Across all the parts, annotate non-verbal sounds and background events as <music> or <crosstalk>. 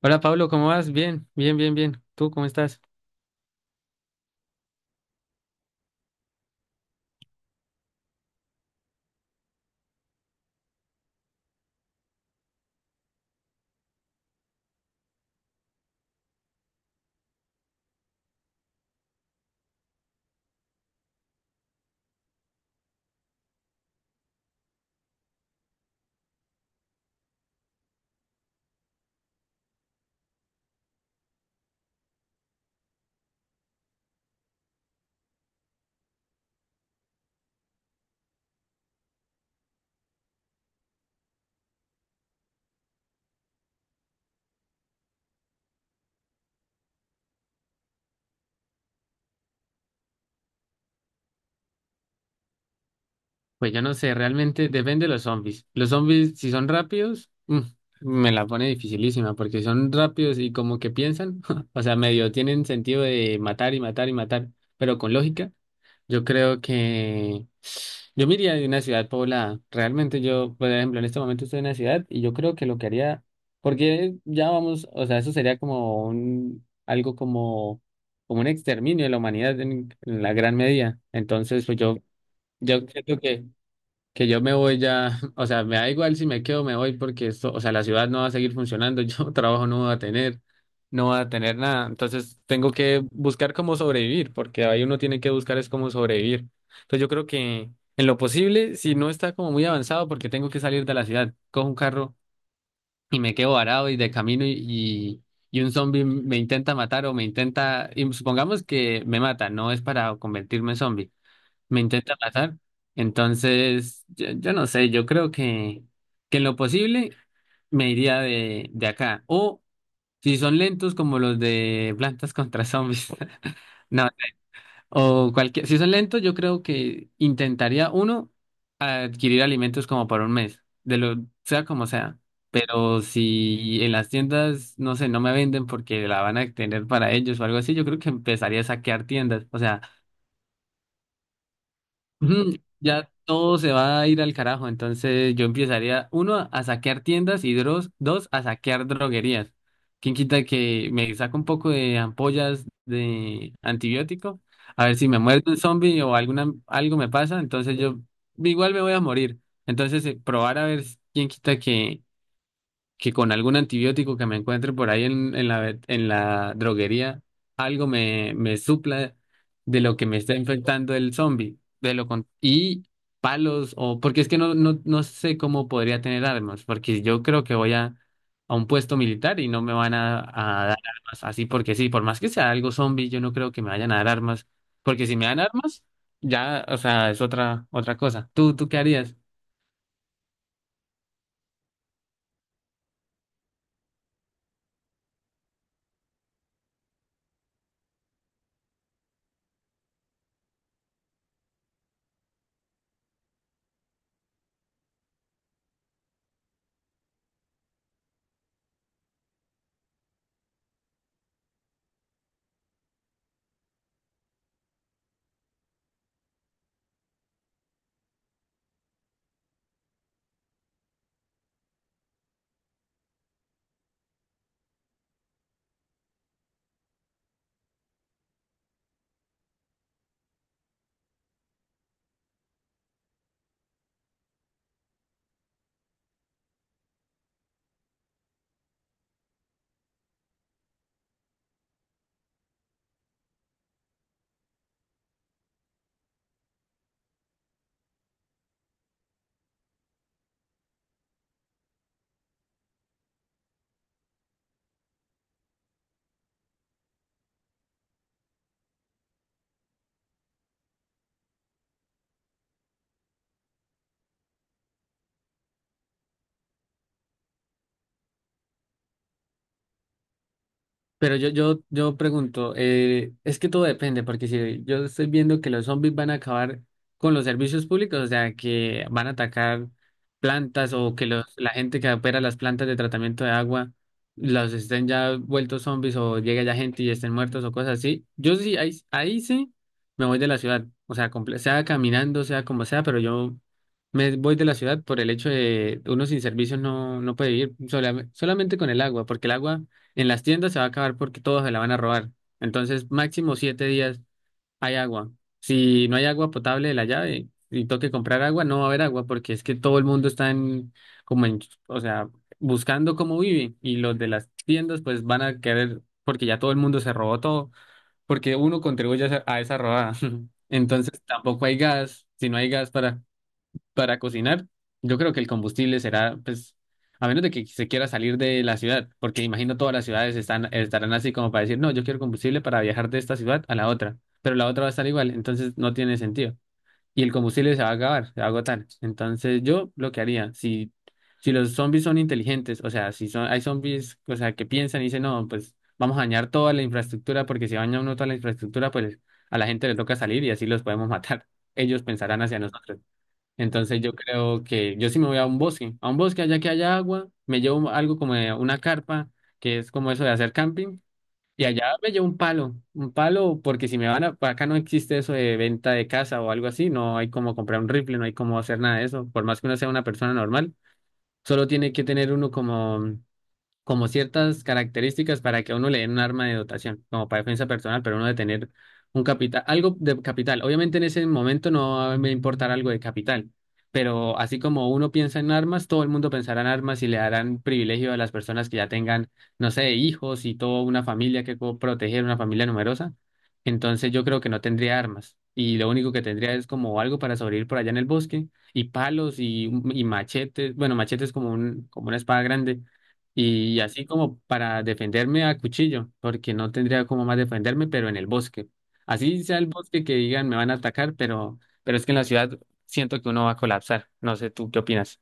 Hola Pablo, ¿cómo vas? Bien, bien, bien, bien. ¿Tú cómo estás? Pues yo no sé, realmente depende de los zombies. Los zombies, si son rápidos, me la pone dificilísima porque son rápidos y como que piensan, <laughs> o sea, medio tienen sentido de matar y matar y matar, pero con lógica. Yo creo que yo me iría de una ciudad poblada. Realmente yo, por ejemplo, en este momento estoy en una ciudad y yo creo que lo que haría, porque ya vamos, o sea, eso sería como un exterminio de la humanidad en la gran medida. Entonces, pues yo creo que yo me voy ya, <laughs> o sea, me da igual si me quedo, me voy porque esto, o sea, la ciudad no va a seguir funcionando. <laughs> Yo trabajo no va a tener nada, entonces tengo que buscar cómo sobrevivir, porque ahí uno tiene que buscar es cómo sobrevivir. Entonces yo creo que en lo posible, si no está como muy avanzado, porque tengo que salir de la ciudad, cojo un carro y me quedo varado y de camino y y un zombie me intenta matar o me intenta, y supongamos que me mata, no es para convertirme en zombie, me intenta matar. Entonces, yo, no sé, yo creo que en lo posible me iría de acá. O si son lentos como los de Plantas contra Zombies. <laughs> No, o cualquier, si son lentos, yo creo que intentaría uno adquirir alimentos como por un mes, de lo sea como sea. Pero si en las tiendas, no sé, no me venden porque la van a tener para ellos o algo así, yo creo que empezaría a saquear tiendas. O sea. Ujú. Ya todo se va a ir al carajo, entonces yo empezaría, uno, a saquear tiendas y dos, a saquear droguerías. ¿Quién quita que me saca un poco de ampollas de antibiótico? A ver si me muerde un zombie o algo me pasa, entonces yo igual me voy a morir. Entonces, probar a ver quién quita que con algún antibiótico que me encuentre por ahí en la droguería, algo me, supla de lo que me está infectando el zombie. Y palos, o porque es que no, no, no sé cómo podría tener armas, porque yo creo que voy a, un puesto militar y no me van a dar armas así porque sí. Por más que sea algo zombie, yo no creo que me vayan a dar armas, porque si me dan armas, ya, o sea, es otra, otra cosa. ¿Tú qué harías? Pero yo pregunto, es que todo depende, porque si yo estoy viendo que los zombies van a acabar con los servicios públicos, o sea, que van a atacar plantas o que los, la gente que opera las plantas de tratamiento de agua los estén ya vueltos zombies o llegue ya gente y estén muertos o cosas así, yo sí, ahí sí me voy de la ciudad, o sea, sea caminando, sea como sea, pero yo me voy de la ciudad por el hecho de uno sin servicios no, no puede vivir solamente con el agua, porque el agua... En las tiendas se va a acabar porque todos se la van a robar. Entonces, máximo 7 días hay agua. Si no hay agua potable de la llave y toque comprar agua, no va a haber agua porque es que todo el mundo está en, como en, o sea, buscando cómo vive, y los de las tiendas pues van a querer porque ya todo el mundo se robó todo, porque uno contribuye a esa robada. <laughs> Entonces, tampoco hay gas. Si no hay gas para cocinar, yo creo que el combustible será, pues, a menos de que se quiera salir de la ciudad, porque imagino todas las ciudades están, estarán así como para decir, no, yo quiero combustible para viajar de esta ciudad a la otra, pero la otra va a estar igual, entonces no tiene sentido. Y el combustible se va a acabar, se va a agotar. Entonces yo lo que haría, si los zombies son inteligentes, o sea, si son, hay zombies, o sea, que piensan y dicen, no, pues vamos a dañar toda la infraestructura, porque si daña uno toda la infraestructura, pues a la gente le toca salir y así los podemos matar. <laughs> Ellos pensarán hacia nosotros. Entonces yo creo que yo sí me voy a un bosque allá que haya agua, me llevo algo como de una carpa, que es como eso de hacer camping, y allá me llevo un palo, porque si me van a, acá no existe eso de venta de casa o algo así, no hay como comprar un rifle, no hay como hacer nada de eso. Por más que uno sea una persona normal, solo tiene que tener uno como ciertas características para que a uno le den un arma de dotación, como para defensa personal, pero uno de tener un capital, algo de capital. Obviamente en ese momento no va a me importar algo de capital, pero así como uno piensa en armas, todo el mundo pensará en armas y le darán privilegio a las personas que ya tengan, no sé, hijos y toda una familia que proteger, una familia numerosa. Entonces yo creo que no tendría armas. Y lo único que tendría es como algo para sobrevivir por allá en el bosque, y palos y machetes, bueno, machetes como un, como una espada grande, y así como para defenderme a cuchillo, porque no tendría como más defenderme, pero en el bosque. Así sea el bosque que digan me van a atacar, pero es que en la ciudad siento que uno va a colapsar. No sé, ¿tú qué opinas?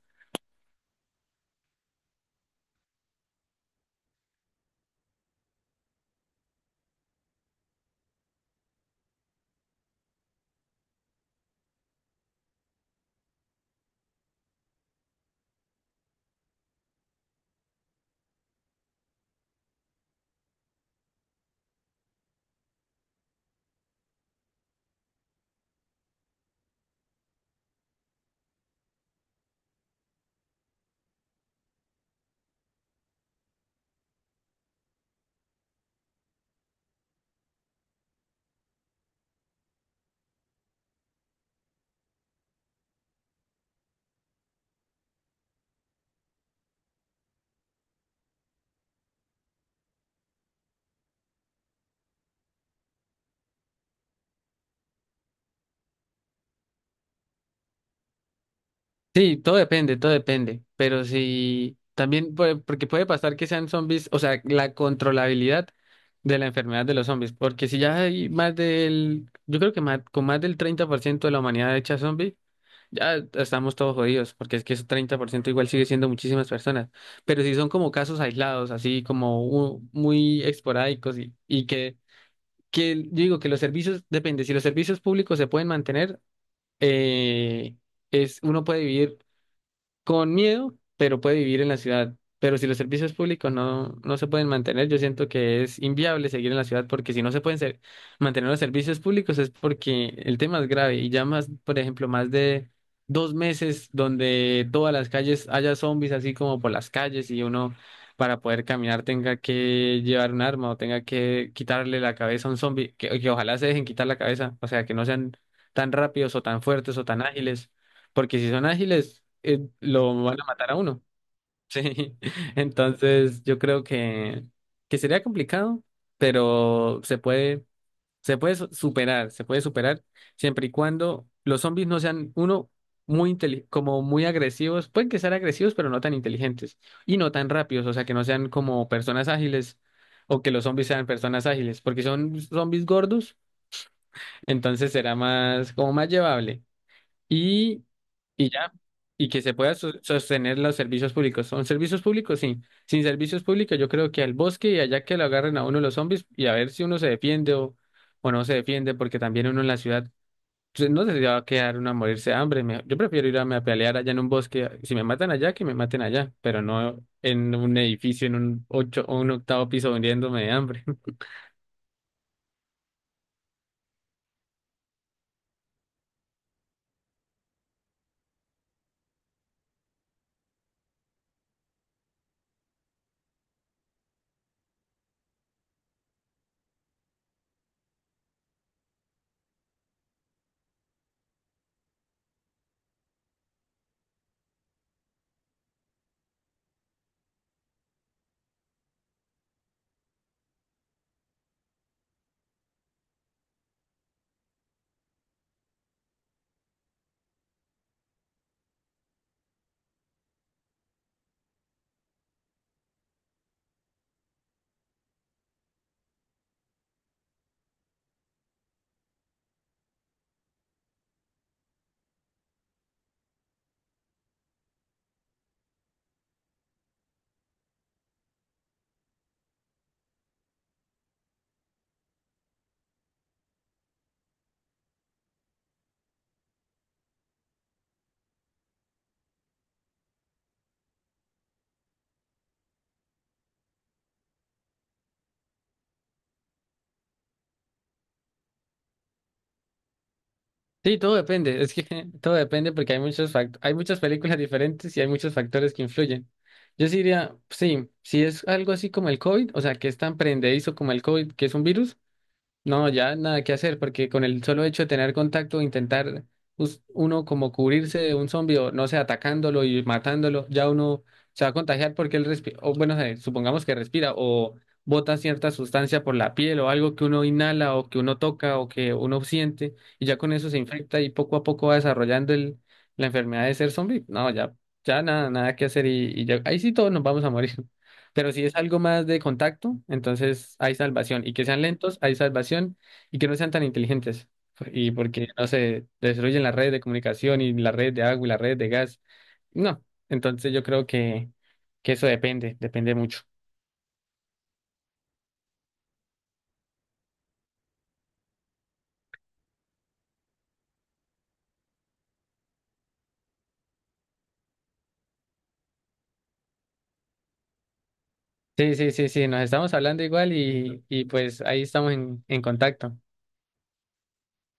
Sí, todo depende, todo depende. Pero sí, también porque puede pasar que sean zombies, o sea, la controlabilidad de la enfermedad de los zombies, porque si ya hay más del, yo creo que más, con más del 30% de la humanidad hecha zombie. Ya estamos todos jodidos, porque es que ese 30% igual sigue siendo muchísimas personas. Pero si son como casos aislados, así como muy esporádicos y que yo digo que los servicios, depende, si los servicios públicos se pueden mantener, eh, es, uno puede vivir con miedo, pero puede vivir en la ciudad. Pero si los servicios públicos no, no se pueden mantener, yo siento que es inviable seguir en la ciudad, porque si no se pueden mantener los servicios públicos es porque el tema es grave, y ya más, por ejemplo, más de 2 meses donde todas las calles haya zombies así como por las calles, y uno para poder caminar tenga que llevar un arma o tenga que quitarle la cabeza a un zombie, que ojalá se dejen quitar la cabeza, o sea, que no sean tan rápidos o tan fuertes o tan ágiles, porque si son ágiles, lo van a matar a uno. <laughs> Sí. Entonces, yo creo que sería complicado, pero se puede superar, se puede superar siempre y cuando los zombies no sean uno como muy agresivos, pueden que sean agresivos, pero no tan inteligentes y no tan rápidos, o sea, que no sean como personas ágiles o que los zombies sean personas ágiles, porque si son zombies gordos, entonces será más como más llevable y, y ya, y que se pueda sostener los servicios públicos. ¿Son servicios públicos? Sí. Sin servicios públicos, yo creo que al bosque y allá que lo agarren a uno los zombies y a ver si uno se defiende o no se defiende, porque también uno en la ciudad pues, no se va a quedar uno a morirse de hambre. Yo prefiero irme a pelear allá en un bosque. Si me matan allá, que me maten allá, pero no en un edificio, en un ocho o un octavo piso hundiéndome de hambre. Sí, todo depende, es que <laughs> todo depende porque hay muchas películas diferentes y hay muchos factores que influyen. Yo sí diría, sí, si es algo así como el COVID, o sea, que es tan prendedizo como el COVID, que es un virus, no, ya nada que hacer, porque con el solo hecho de tener contacto, intentar uno como cubrirse de un zombie o no sé, atacándolo y matándolo, ya uno se va a contagiar porque él respira, o bueno, supongamos que respira o bota cierta sustancia por la piel o algo que uno inhala o que uno toca o que uno siente, y ya con eso se infecta y poco a poco va desarrollando la enfermedad de ser zombie. No, ya, ya nada, nada que hacer y ya, ahí sí todos nos vamos a morir. Pero si es algo más de contacto, entonces hay salvación. Y que sean lentos, hay salvación. Y que no sean tan inteligentes. Y porque, no se destruyen las redes de comunicación y las redes de agua y las redes de gas. No. Entonces yo creo que eso depende, depende mucho. Sí, sí, sí, sí, nos estamos hablando igual y pues ahí estamos en contacto.